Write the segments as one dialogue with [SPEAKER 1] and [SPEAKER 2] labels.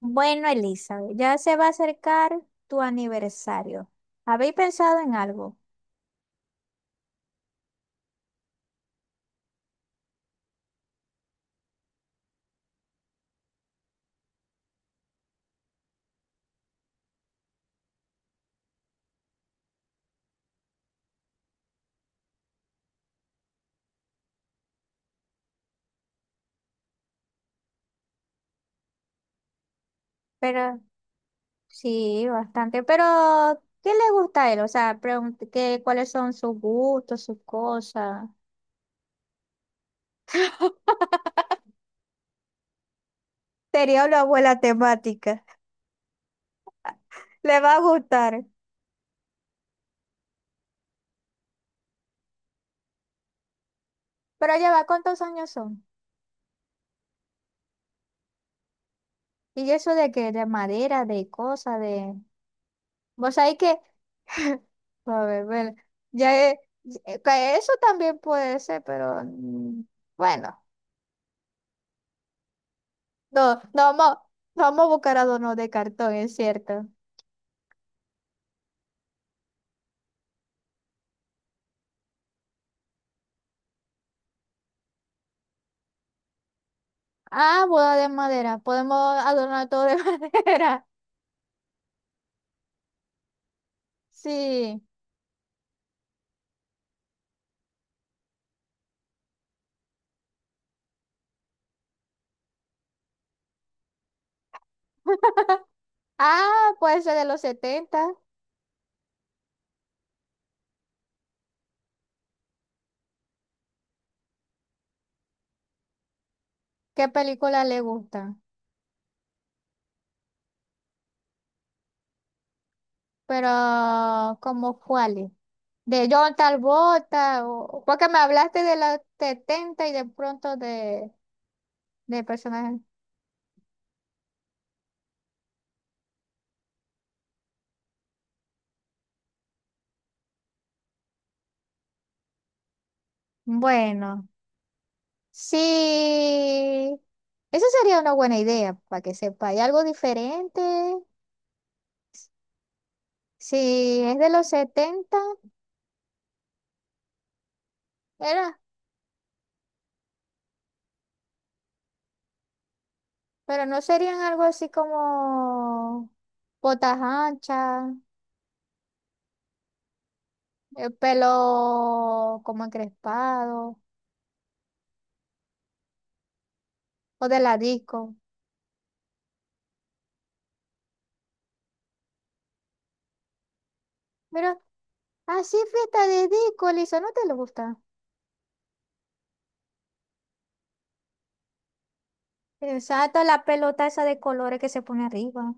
[SPEAKER 1] Bueno, Elizabeth, ya se va a acercar tu aniversario. ¿Habéis pensado en algo? Pero sí, bastante. Pero, ¿qué le gusta a él? O sea, ¿qué, cuáles son sus gustos, sus cosas? Sería una buena temática. Le va a gustar. Pero ya va, ¿cuántos años son? Y eso de que de madera, de cosas, de... Vos sabés que... A ver, bueno, ya, que eso también puede ser, pero mm, bueno. No, no vamos a buscar adornos de cartón, es cierto. Ah, boda de madera. Podemos adornar todo de madera. Sí. Ah, puede ser de los setenta. ¿Qué película le gusta? Pero, ¿como cuáles? De John Travolta, porque me hablaste de los 70 y de pronto de personajes. Bueno, sí. Esa sería una buena idea, para que sepa. ¿Hay algo diferente? Si es de los 70 era, pero no serían algo así como botas anchas, el pelo como encrespado o de la disco. Pero así fiesta de disco, Elisa, ¿no te lo gusta? Exacto, la pelota esa de colores que se pone arriba.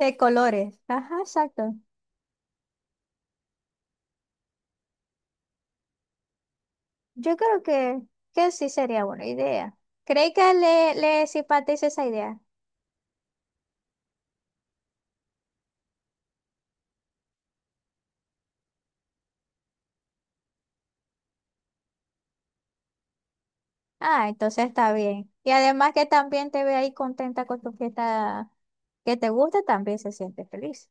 [SPEAKER 1] De colores, ajá, exacto. Yo creo que sí sería buena idea. ¿Cree que le simpatiza esa idea? Ah, entonces está bien. Y además que también te ve ahí contenta con tu fiesta que te gusta, también se siente feliz.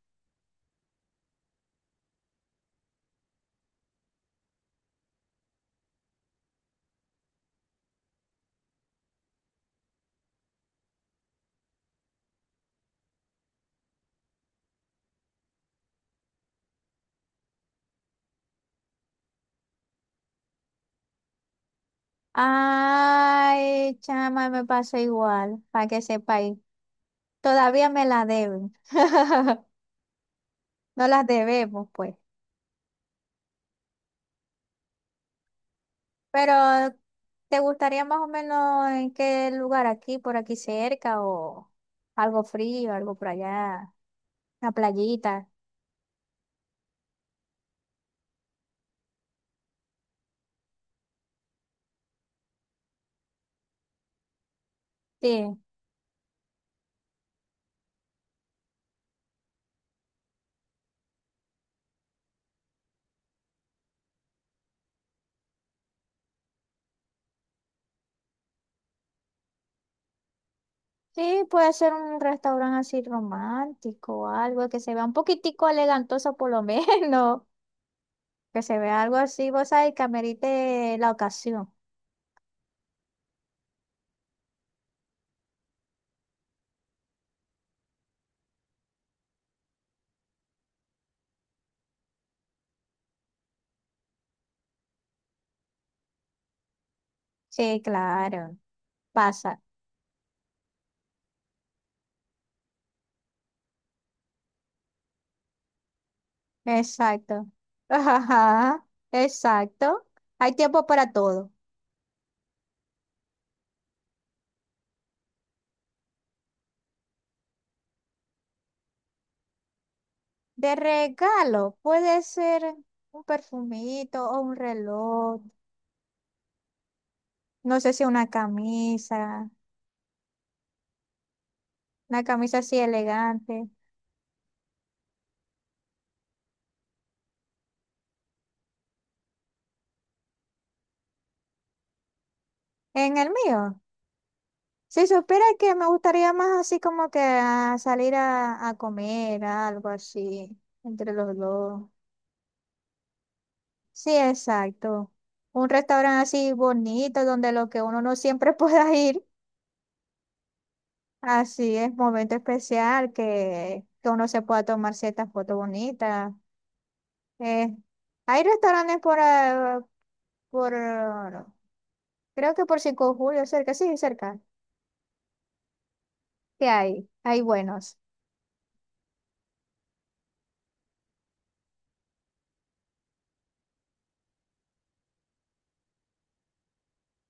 [SPEAKER 1] Ay, chama, me pasó igual, para que sepáis. Todavía me la deben. No las debemos, pues. Pero, ¿te gustaría más o menos en qué lugar aquí, por aquí cerca, o algo frío, algo por allá, una playita? Sí. Sí, puede ser un restaurante así romántico o algo que se vea un poquitico elegantoso por lo menos, que se vea algo así, vos sabés, que amerite la ocasión. Sí, claro, pasa. Exacto. Ajá, exacto. Hay tiempo para todo. De regalo, puede ser un perfumito o un reloj, no sé si una camisa, una camisa así elegante. En el mío. Si supiera que me gustaría más así como que a salir a comer, algo así, entre los dos. Sí, exacto. Un restaurante así bonito donde lo que uno no siempre pueda ir, así es momento especial que uno se pueda tomar ciertas fotos bonitas. Eh, Hay restaurantes por, ah, creo que por 5 de Julio, cerca, sí, cerca. ¿Qué hay? Hay buenos.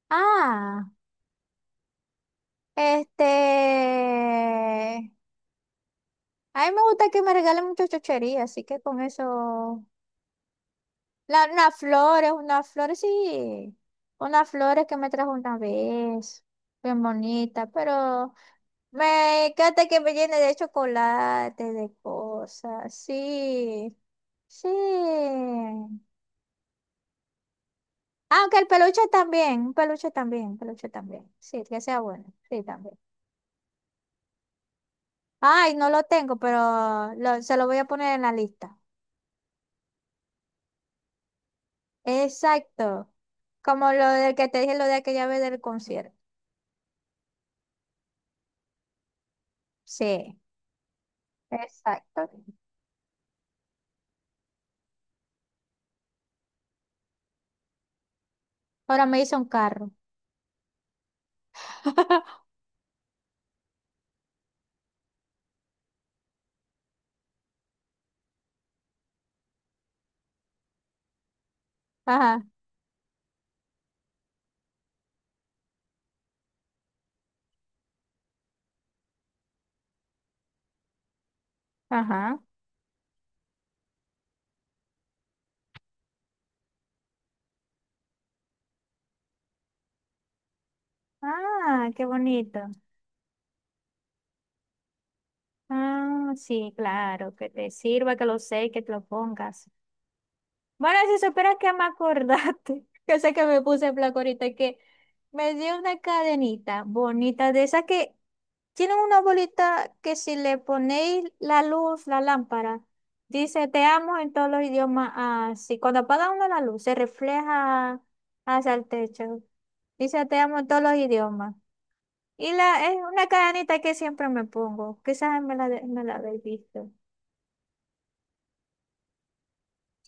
[SPEAKER 1] Ah, este, a mí me gusta que me regalen muchas chucherías, así que con eso. Unas flores, unas flores, sí. Unas flores que me trajo una vez. Bien bonita, pero me encanta que me llene de chocolate, de cosas, sí. Sí. Aunque el peluche también, un peluche también, un peluche también. Sí, que sea bueno, sí, también. Ay, no lo tengo, pero se lo voy a poner en la lista. Exacto. Como lo de que te dije lo de aquella vez del concierto. Sí, exacto. Ahora me hizo un carro. Ajá, ajá. Ah, qué bonito. Ah, sí, claro, que te sirva, que lo sé, que te lo pongas. Mara, si supieras que me acordaste, que sé que me puse en flaco ahorita, que me dio una cadenita bonita de esas que tienen una bolita que si le ponéis la luz, la lámpara, dice te amo en todos los idiomas, así. Cuando apaga uno la luz, se refleja hacia el techo. Dice te amo en todos los idiomas. Y es una cadenita que siempre me pongo. Quizás me la habéis visto.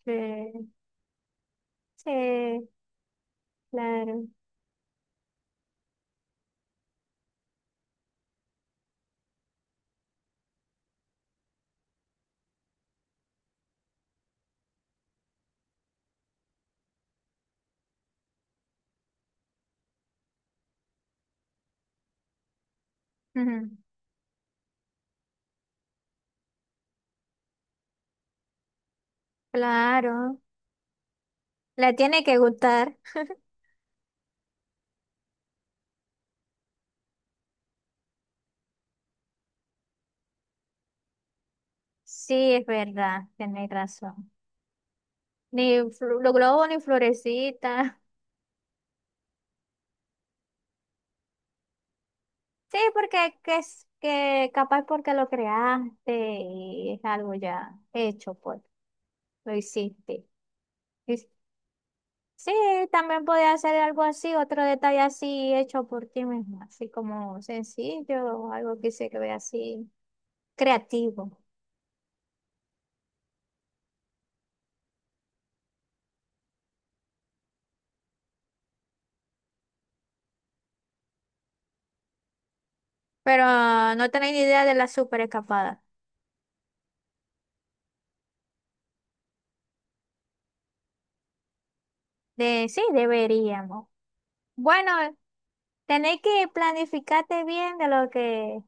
[SPEAKER 1] Sí, sí, claro. Ujú. Claro, le tiene que gustar. Sí, es verdad, tenéis razón. Ni los globos ni florecitas. Sí, porque que es que capaz porque lo creaste y es algo ya hecho, pues, lo hiciste. Y sí, también podía hacer algo así, otro detalle así hecho por ti misma, así como sencillo, algo que se que ve así creativo. Pero no tenéis ni idea de la super escapada. De sí, deberíamos. Bueno. Tenéis que planificarte bien de lo que,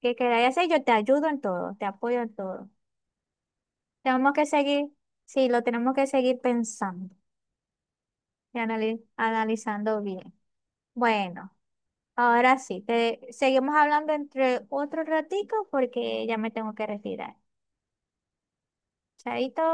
[SPEAKER 1] que queráis hacer. Yo te ayudo en todo, te apoyo en todo. Tenemos que seguir, sí, lo tenemos que seguir pensando y analizando bien. Bueno, ahora sí, te seguimos hablando entre otro ratico porque ya me tengo que retirar. Chaito.